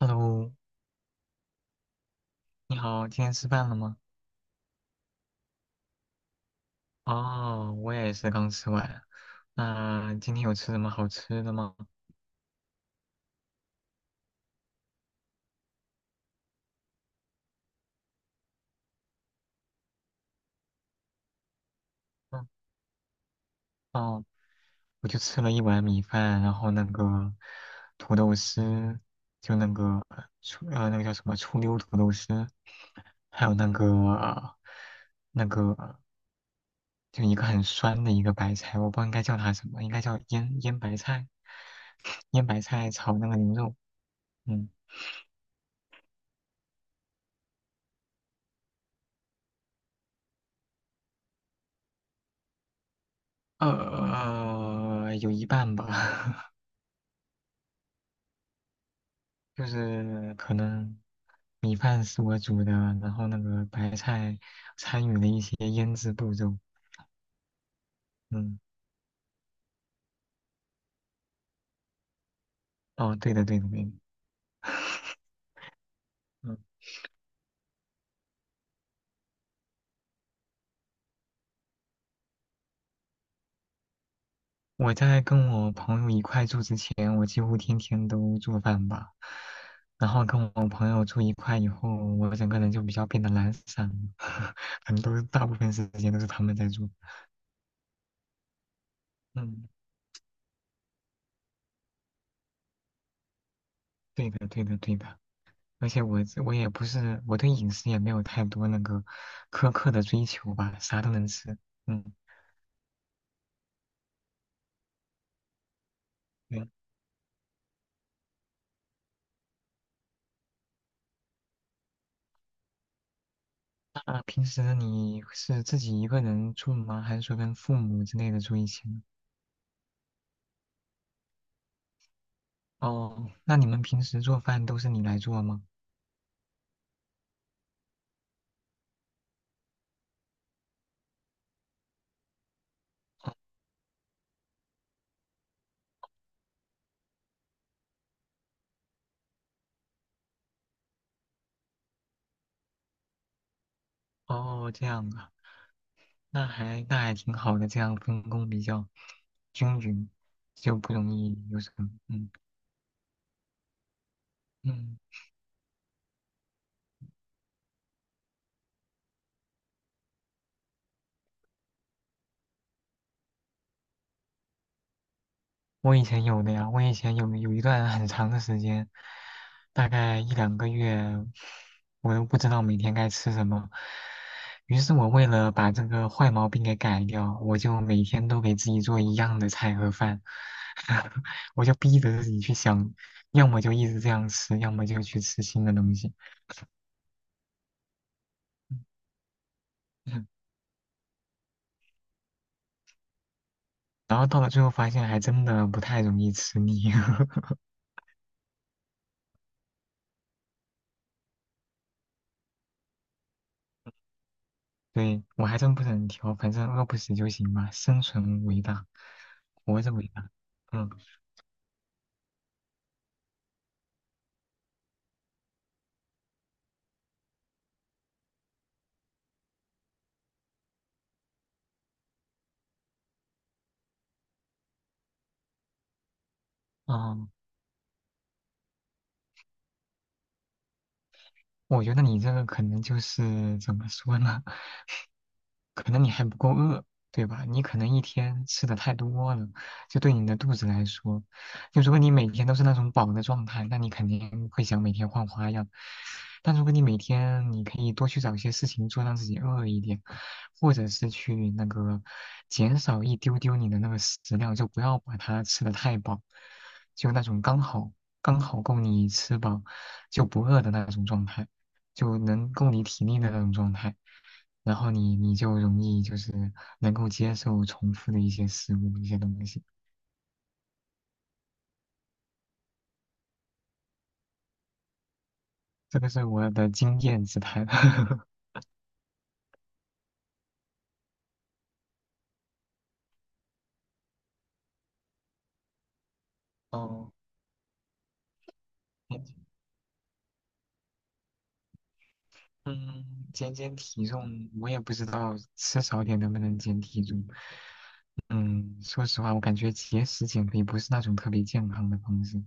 Hello，你好，今天吃饭了吗？哦，我也是刚吃完。那今天有吃什么好吃的吗？嗯，哦，我就吃了一碗米饭，然后那个土豆丝，就那个醋那个叫什么醋溜土豆丝，还有那个那个就一个很酸的一个白菜，我不知道应该叫它什么，应该叫腌白菜，腌白菜炒那个牛肉。嗯，有一半吧。就是可能米饭是我煮的，然后那个白菜参与了一些腌制步骤。嗯，哦，对的，对的，对的。嗯，我在跟我朋友一块住之前，我几乎天天都做饭吧。然后跟我朋友住一块以后，我整个人就比较变得懒散了，很多大部分时间都是他们在做。嗯，对的，对的，对的。而且我对饮食也没有太多那个苛刻的追求吧，啥都能吃。嗯，对。那平时你是自己一个人住吗？还是说跟父母之类的住一起呢？哦，那你们平时做饭都是你来做吗？哦，这样啊，那还挺好的，这样分工比较均匀，就不容易有什么。嗯嗯。我以前有的呀，我以前有一段很长的时间，大概一两个月，我都不知道每天该吃什么。于是我为了把这个坏毛病给改掉，我就每天都给自己做一样的菜和饭，我就逼着自己去想，要么就一直这样吃，要么就去吃新的东西。嗯然后到了最后发现，还真的不太容易吃腻。对，我还真不是很挑，反正饿不死就行嘛，生存伟大，活着伟大。嗯，哦，我觉得你这个可能就是怎么说呢？可能你还不够饿，对吧？你可能一天吃的太多了，就对你的肚子来说，就如果你每天都是那种饱的状态，那你肯定会想每天换花样。但如果你每天你可以多去找一些事情做，让自己饿一点，或者是去那个减少一丢丢你的那个食量，就不要把它吃的太饱，就那种刚好够你吃饱就不饿的那种状态。就能够你体力的那种状态，然后你就容易就是能够接受重复的一些食物、一些东西。这个是我的经验之谈。哦，减嗯，减减体重，我也不知道吃少点能不能减体重。嗯，说实话，我感觉节食减肥不是那种特别健康的方式。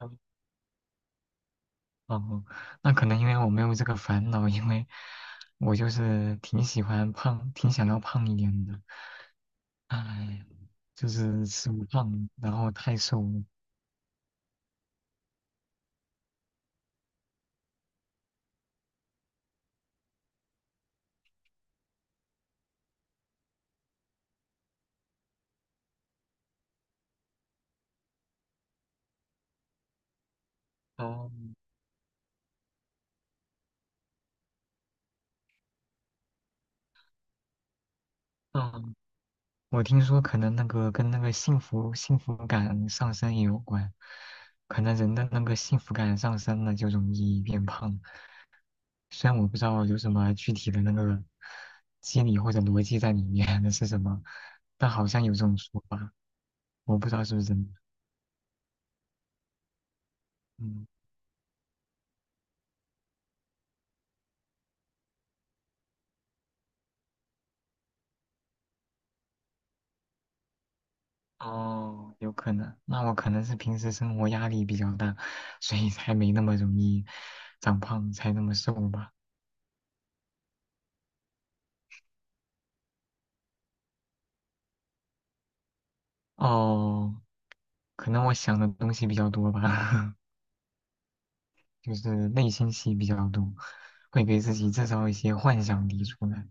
嗯哦，那可能因为我没有这个烦恼，因为我就是挺喜欢胖，挺想要胖一点的。哎，就是吃不胖，然后太瘦。了。哦，嗯，我听说可能那个跟那个幸福感上升也有关，可能人的那个幸福感上升了就容易变胖。虽然我不知道有什么具体的那个机理或者逻辑在里面 那是什么，但好像有这种说法，我不知道是不是真的。嗯。哦，有可能。那我可能是平时生活压力比较大，所以才没那么容易长胖，才那么瘦吧。哦，可能我想的东西比较多吧，就是内心戏比较多，会给自己制造一些幻想题出来。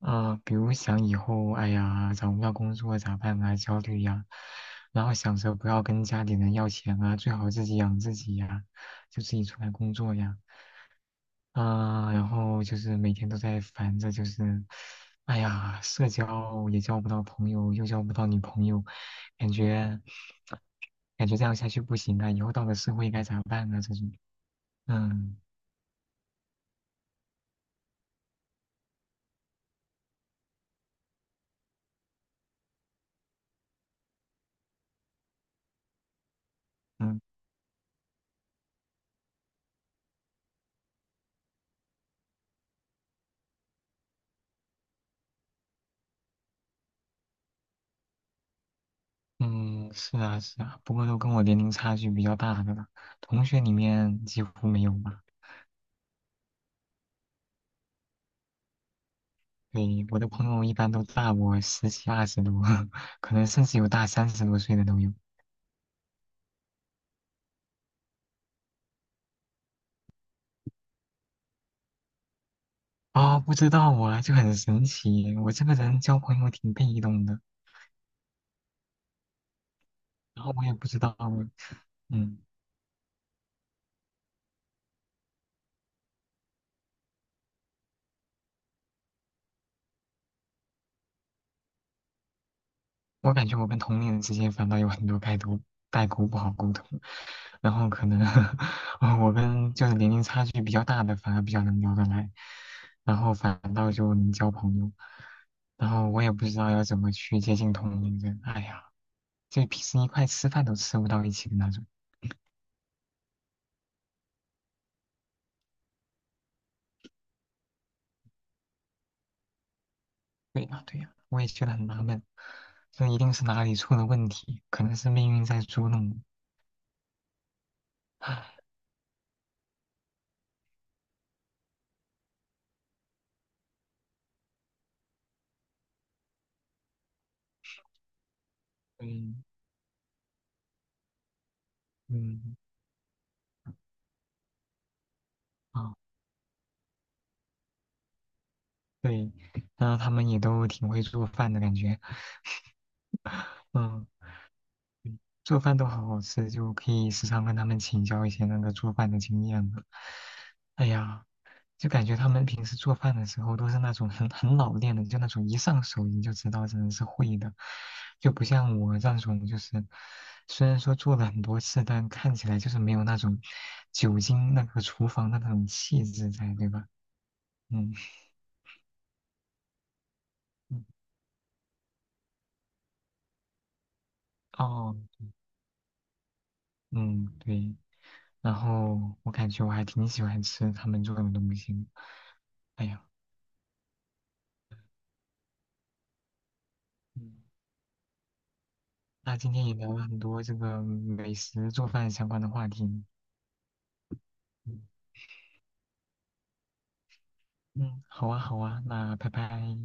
比如想以后，哎呀，找不到工作咋办啊，焦虑呀、然后想着不要跟家里人要钱啊，最好自己养自己呀、就自己出来工作呀。啊、然后就是每天都在烦着，就是，哎呀，社交也交不到朋友，又交不到女朋友，感觉感觉这样下去不行啊！以后到了社会该咋办啊？这种，嗯嗯嗯，是啊是啊，不过都跟我年龄差距比较大的了，同学里面几乎没有吧。对，我的朋友一般都大我十几二十多，可能甚至有大三十多岁的都有。啊、不知道啊，就很神奇。我这个人交朋友挺被动的，然后我也不知道我，嗯，我感觉我跟同龄人之间反倒有很多代沟，代沟不好沟通。然后可能 我跟就是年龄差距比较大的反而比较能聊得来，然后反倒就能交朋友。然后我也不知道要怎么去接近同龄人，哎呀，就平时一块吃饭都吃不到一起的那种。对呀，对呀，我也觉得很纳闷，这一定是哪里出了问题，可能是命运在捉弄我。嗯嗯啊，对，然后他们也都挺会做饭的感觉，嗯，做饭都好好吃，就可以时常跟他们请教一些那个做饭的经验了。哎呀。就感觉他们平时做饭的时候都是那种很老练的，就那种一上手你就知道这人是会的，就不像我这种就是，虽然说做了很多次，但看起来就是没有那种酒精那个厨房的那种气质在，对吧？嗯，嗯哦，嗯，对。然后我感觉我还挺喜欢吃他们做的东西。哎呀，嗯，那今天也聊了很多这个美食做饭相关的话题。嗯，嗯好啊，好啊，那拜拜。